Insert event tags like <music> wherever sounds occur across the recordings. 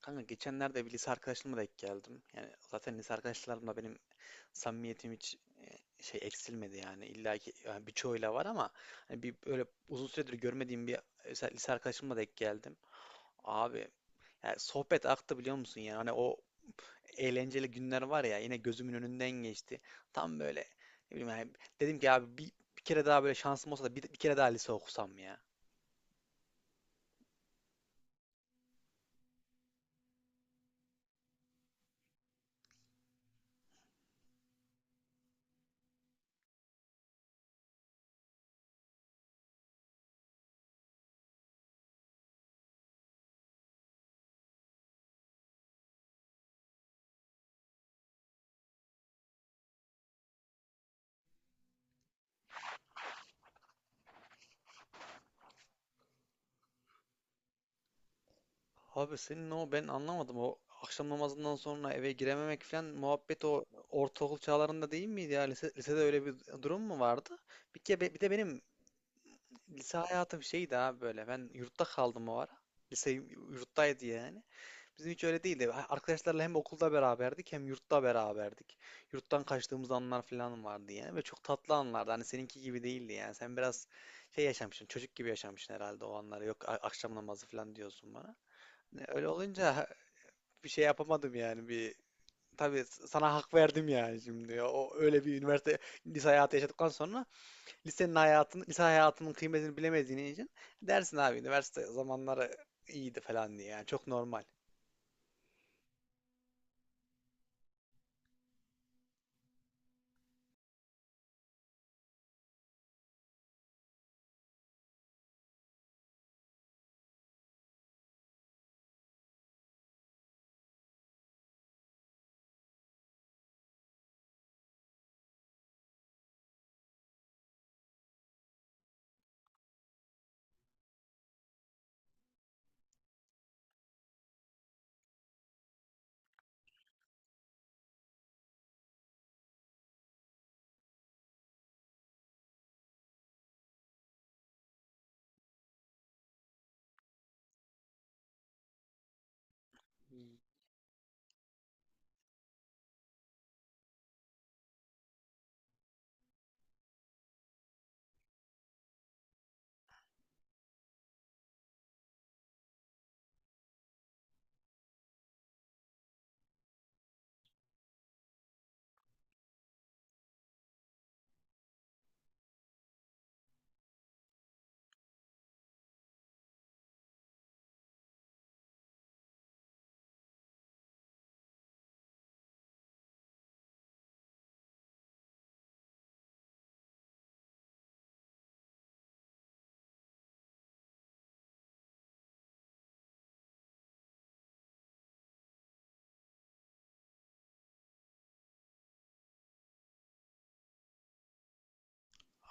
Kanka geçenlerde bir lise arkadaşımla denk geldim. Yani zaten lise arkadaşlarımla benim samimiyetim hiç eksilmedi yani. İlla ki yani birçoğuyla var ama hani bir böyle uzun süredir görmediğim bir lise arkadaşımla denk geldim. Abi yani sohbet aktı biliyor musun, yani hani o eğlenceli günler var ya, yine gözümün önünden geçti. Tam böyle ne bileyim yani dedim ki abi bir kere daha böyle şansım olsa da bir kere daha lise okusam ya. Abi senin o ben anlamadım, o akşam namazından sonra eve girememek falan muhabbet o ortaokul çağlarında değil miydi ya? Lisede öyle bir durum mu vardı? Bir de benim lise hayatım şeydi abi, böyle ben yurtta kaldım o ara. Lise yurttaydı yani. Bizim hiç öyle değildi. Arkadaşlarla hem okulda beraberdik hem yurtta beraberdik. Yurttan kaçtığımız anlar falan vardı yani, ve çok tatlı anlardı. Hani seninki gibi değildi yani. Sen biraz şey yaşamışsın, çocuk gibi yaşamışsın herhalde o anları. Yok, akşam namazı falan diyorsun bana. Öyle olunca bir şey yapamadım yani. Bir tabii sana hak verdim yani, şimdi o öyle bir üniversite lise hayatı yaşadıktan sonra lisenin hayatını, lise hayatının kıymetini bilemediğin için dersin abi üniversite zamanları iyiydi falan diye. Yani çok normal.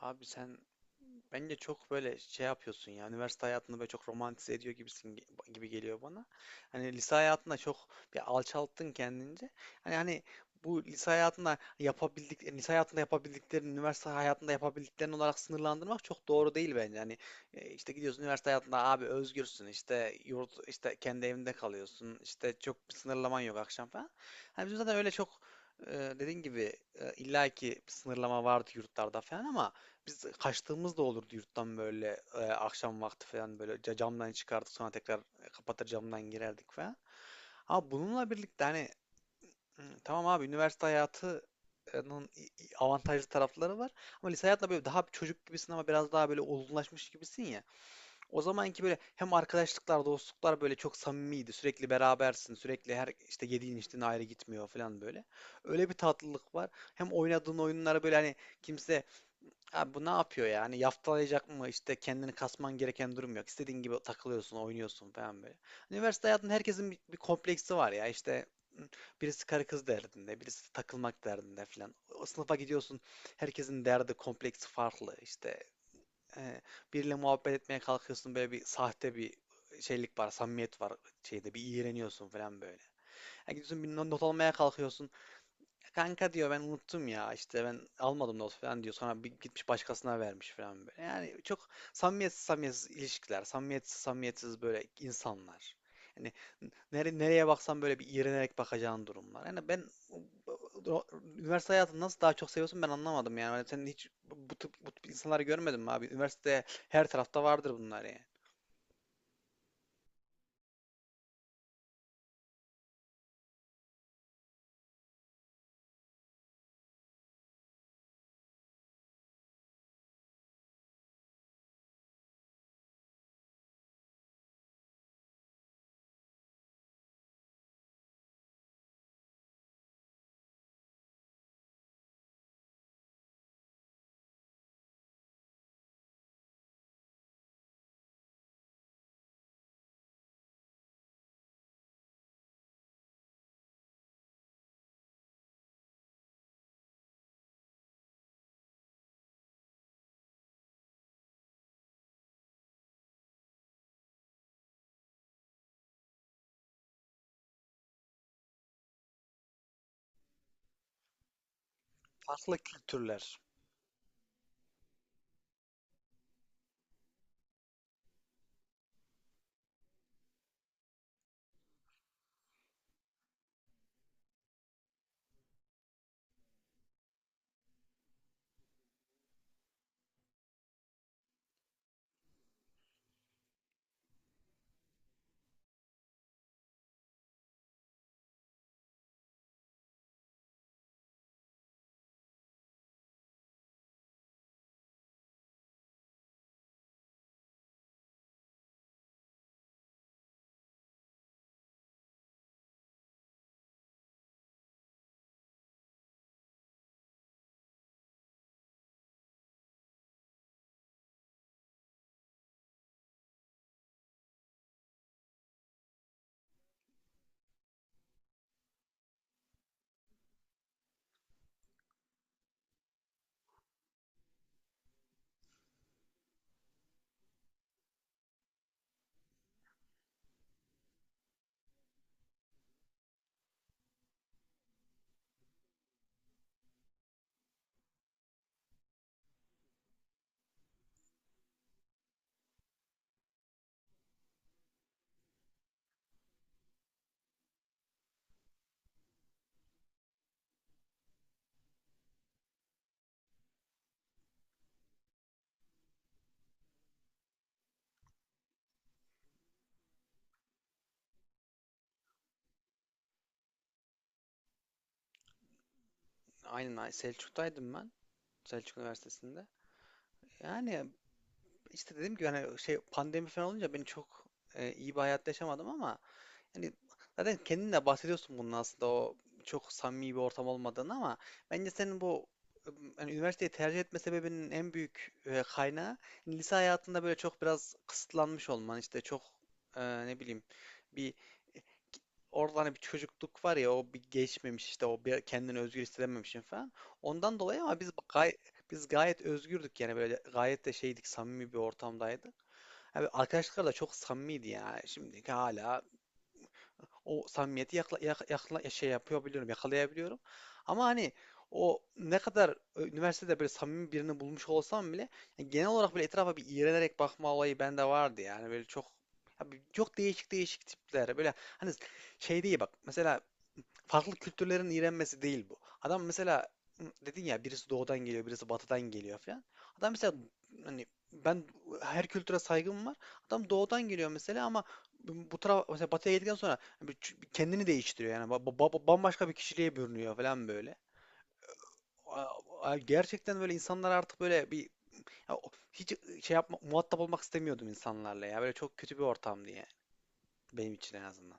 Abi sen, bence çok böyle şey yapıyorsun ya, üniversite hayatını böyle çok romantize ediyor gibi geliyor bana. Hani lise hayatında çok bir alçalttın kendince. Hani bu lise hayatında yapabildik lise hayatında yapabildiklerini üniversite hayatında yapabildiklerini olarak sınırlandırmak çok doğru değil bence. Hani işte gidiyorsun üniversite hayatında, abi özgürsün, işte yurt, işte kendi evinde kalıyorsun, işte çok bir sınırlaman yok akşam falan. Hani bizim zaten öyle çok dediğin gibi illaki bir sınırlama vardı yurtlarda falan, ama biz kaçtığımız da olurdu yurttan, böyle akşam vakti falan böyle camdan çıkardık, sonra tekrar kapatır camdan girerdik falan. Ama bununla birlikte hani hı, tamam abi üniversite hayatının avantajlı tarafları var. Ama lise hayatında böyle daha bir çocuk gibisin, ama biraz daha böyle olgunlaşmış gibisin ya. O zamanki böyle hem arkadaşlıklar, dostluklar böyle çok samimiydi. Sürekli berabersin. Sürekli her işte yediğin içtiğin ayrı gitmiyor falan böyle. Öyle bir tatlılık var. Hem oynadığın oyunlara böyle hani kimse abi bu ne yapıyor ya, hani yaftalayacak mı, İşte kendini kasman gereken durum yok. İstediğin gibi takılıyorsun, oynuyorsun falan böyle. Hani üniversite hayatında herkesin bir kompleksi var ya. İşte birisi karı kız derdinde, birisi takılmak derdinde falan. O sınıfa gidiyorsun, herkesin derdi, kompleksi farklı. İşte e, biriyle muhabbet etmeye kalkıyorsun, böyle bir sahte bir şeylik var, samimiyet var, şeyde bir iğreniyorsun falan böyle. Yani gidiyorsun bir not almaya kalkıyorsun. Kanka diyor ben unuttum ya, işte ben almadım not falan diyor. Sonra bir gitmiş başkasına vermiş falan böyle. Yani çok samimiyetsiz samimiyetsiz ilişkiler, samimiyetsiz samimiyetsiz böyle insanlar. Yani nereye baksan böyle bir iğrenerek bakacağın durumlar. Yani ben üniversite hayatını nasıl daha çok seviyorsun ben anlamadım yani. Hani sen hiç bu tip insanları görmedin mi abi? Üniversitede her tarafta vardır bunlar yani. Farklı kültürler. Aynen aynen. Selçuk'taydım ben. Selçuk Üniversitesi'nde. Yani işte dediğim gibi hani şey, pandemi falan olunca ben çok iyi bir hayat yaşamadım ama yani zaten kendin de bahsediyorsun bunun aslında o çok samimi bir ortam olmadığını. Ama bence senin bu hani üniversiteyi tercih etme sebebinin en büyük kaynağı lise hayatında böyle çok biraz kısıtlanmış olman, işte çok ne bileyim bir orada hani bir çocukluk var ya, o bir geçmemiş, işte o bir kendini özgür hissedememişsin falan. Ondan dolayı. Ama biz gayet özgürdük yani, böyle gayet de şeydik, samimi bir ortamdaydı. Abi arkadaşlarla çok samimiydi yani, şimdi hala o samimiyeti şey yapabiliyorum, yakalayabiliyorum. Ama hani o ne kadar üniversitede böyle samimi birini bulmuş olsam bile yani genel olarak böyle etrafa bir iğrenerek bakma olayı bende vardı yani, böyle çok abi çok değişik değişik tipler böyle hani şey değil, bak mesela farklı kültürlerin iğrenmesi değil bu. Adam mesela dedin ya, birisi doğudan geliyor, birisi batıdan geliyor falan. Adam mesela hani, ben her kültüre saygım var. Adam doğudan geliyor mesela, ama bu tarafa mesela batıya geldikten sonra kendini değiştiriyor yani, bambaşka bir kişiliğe bürünüyor falan böyle. Gerçekten böyle insanlar artık böyle bir ya hiç şey yapma, muhatap olmak istemiyordum insanlarla ya, böyle çok kötü bir ortamdı yani benim için en azından.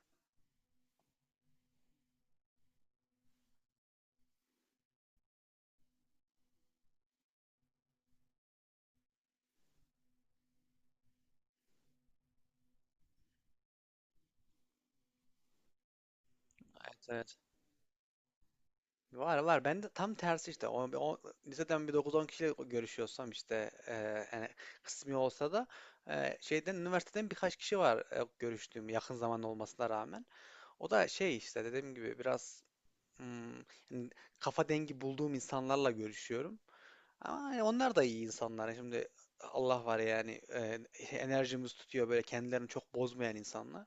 Evet, evet. Var var. Ben de tam tersi işte. Liseden bir dokuz 10 kişiyle görüşüyorsam işte yani, kısmi olsa da şeyden üniversiteden birkaç kişi var görüştüğüm, yakın zaman olmasına rağmen. O da şey, işte dediğim gibi biraz hmm, yani kafa dengi bulduğum insanlarla görüşüyorum. Ama hani onlar da iyi insanlar. Şimdi Allah var yani, enerjimiz tutuyor, böyle kendilerini çok bozmayan insanlar.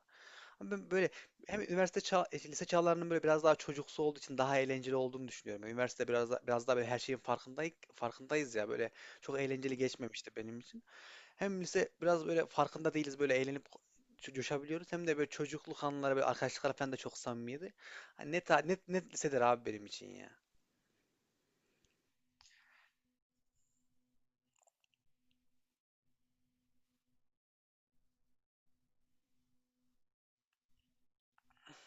Ama ben böyle hem lise çağlarının böyle biraz daha çocuksu olduğu için daha eğlenceli olduğunu düşünüyorum. Yani üniversite biraz daha böyle her şeyin farkındayız ya, böyle çok eğlenceli geçmemişti benim için. Hem lise biraz böyle farkında değiliz, böyle eğlenip coşabiliyoruz, hem de böyle çocukluk anıları, böyle arkadaşlıklar falan da çok samimiydi. Hani net lisedir abi benim için ya.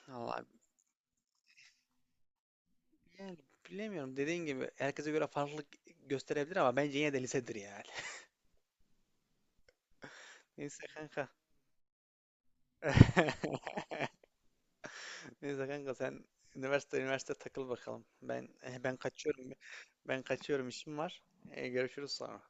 Vallahi yani bilemiyorum, dediğin gibi herkese göre farklılık gösterebilir, ama bence yine de lisedir yani. <laughs> Neyse kanka. <laughs> Neyse kanka sen üniversite takıl bakalım. Ben <laughs> ben kaçıyorum. Ben kaçıyorum, işim var. Görüşürüz sonra.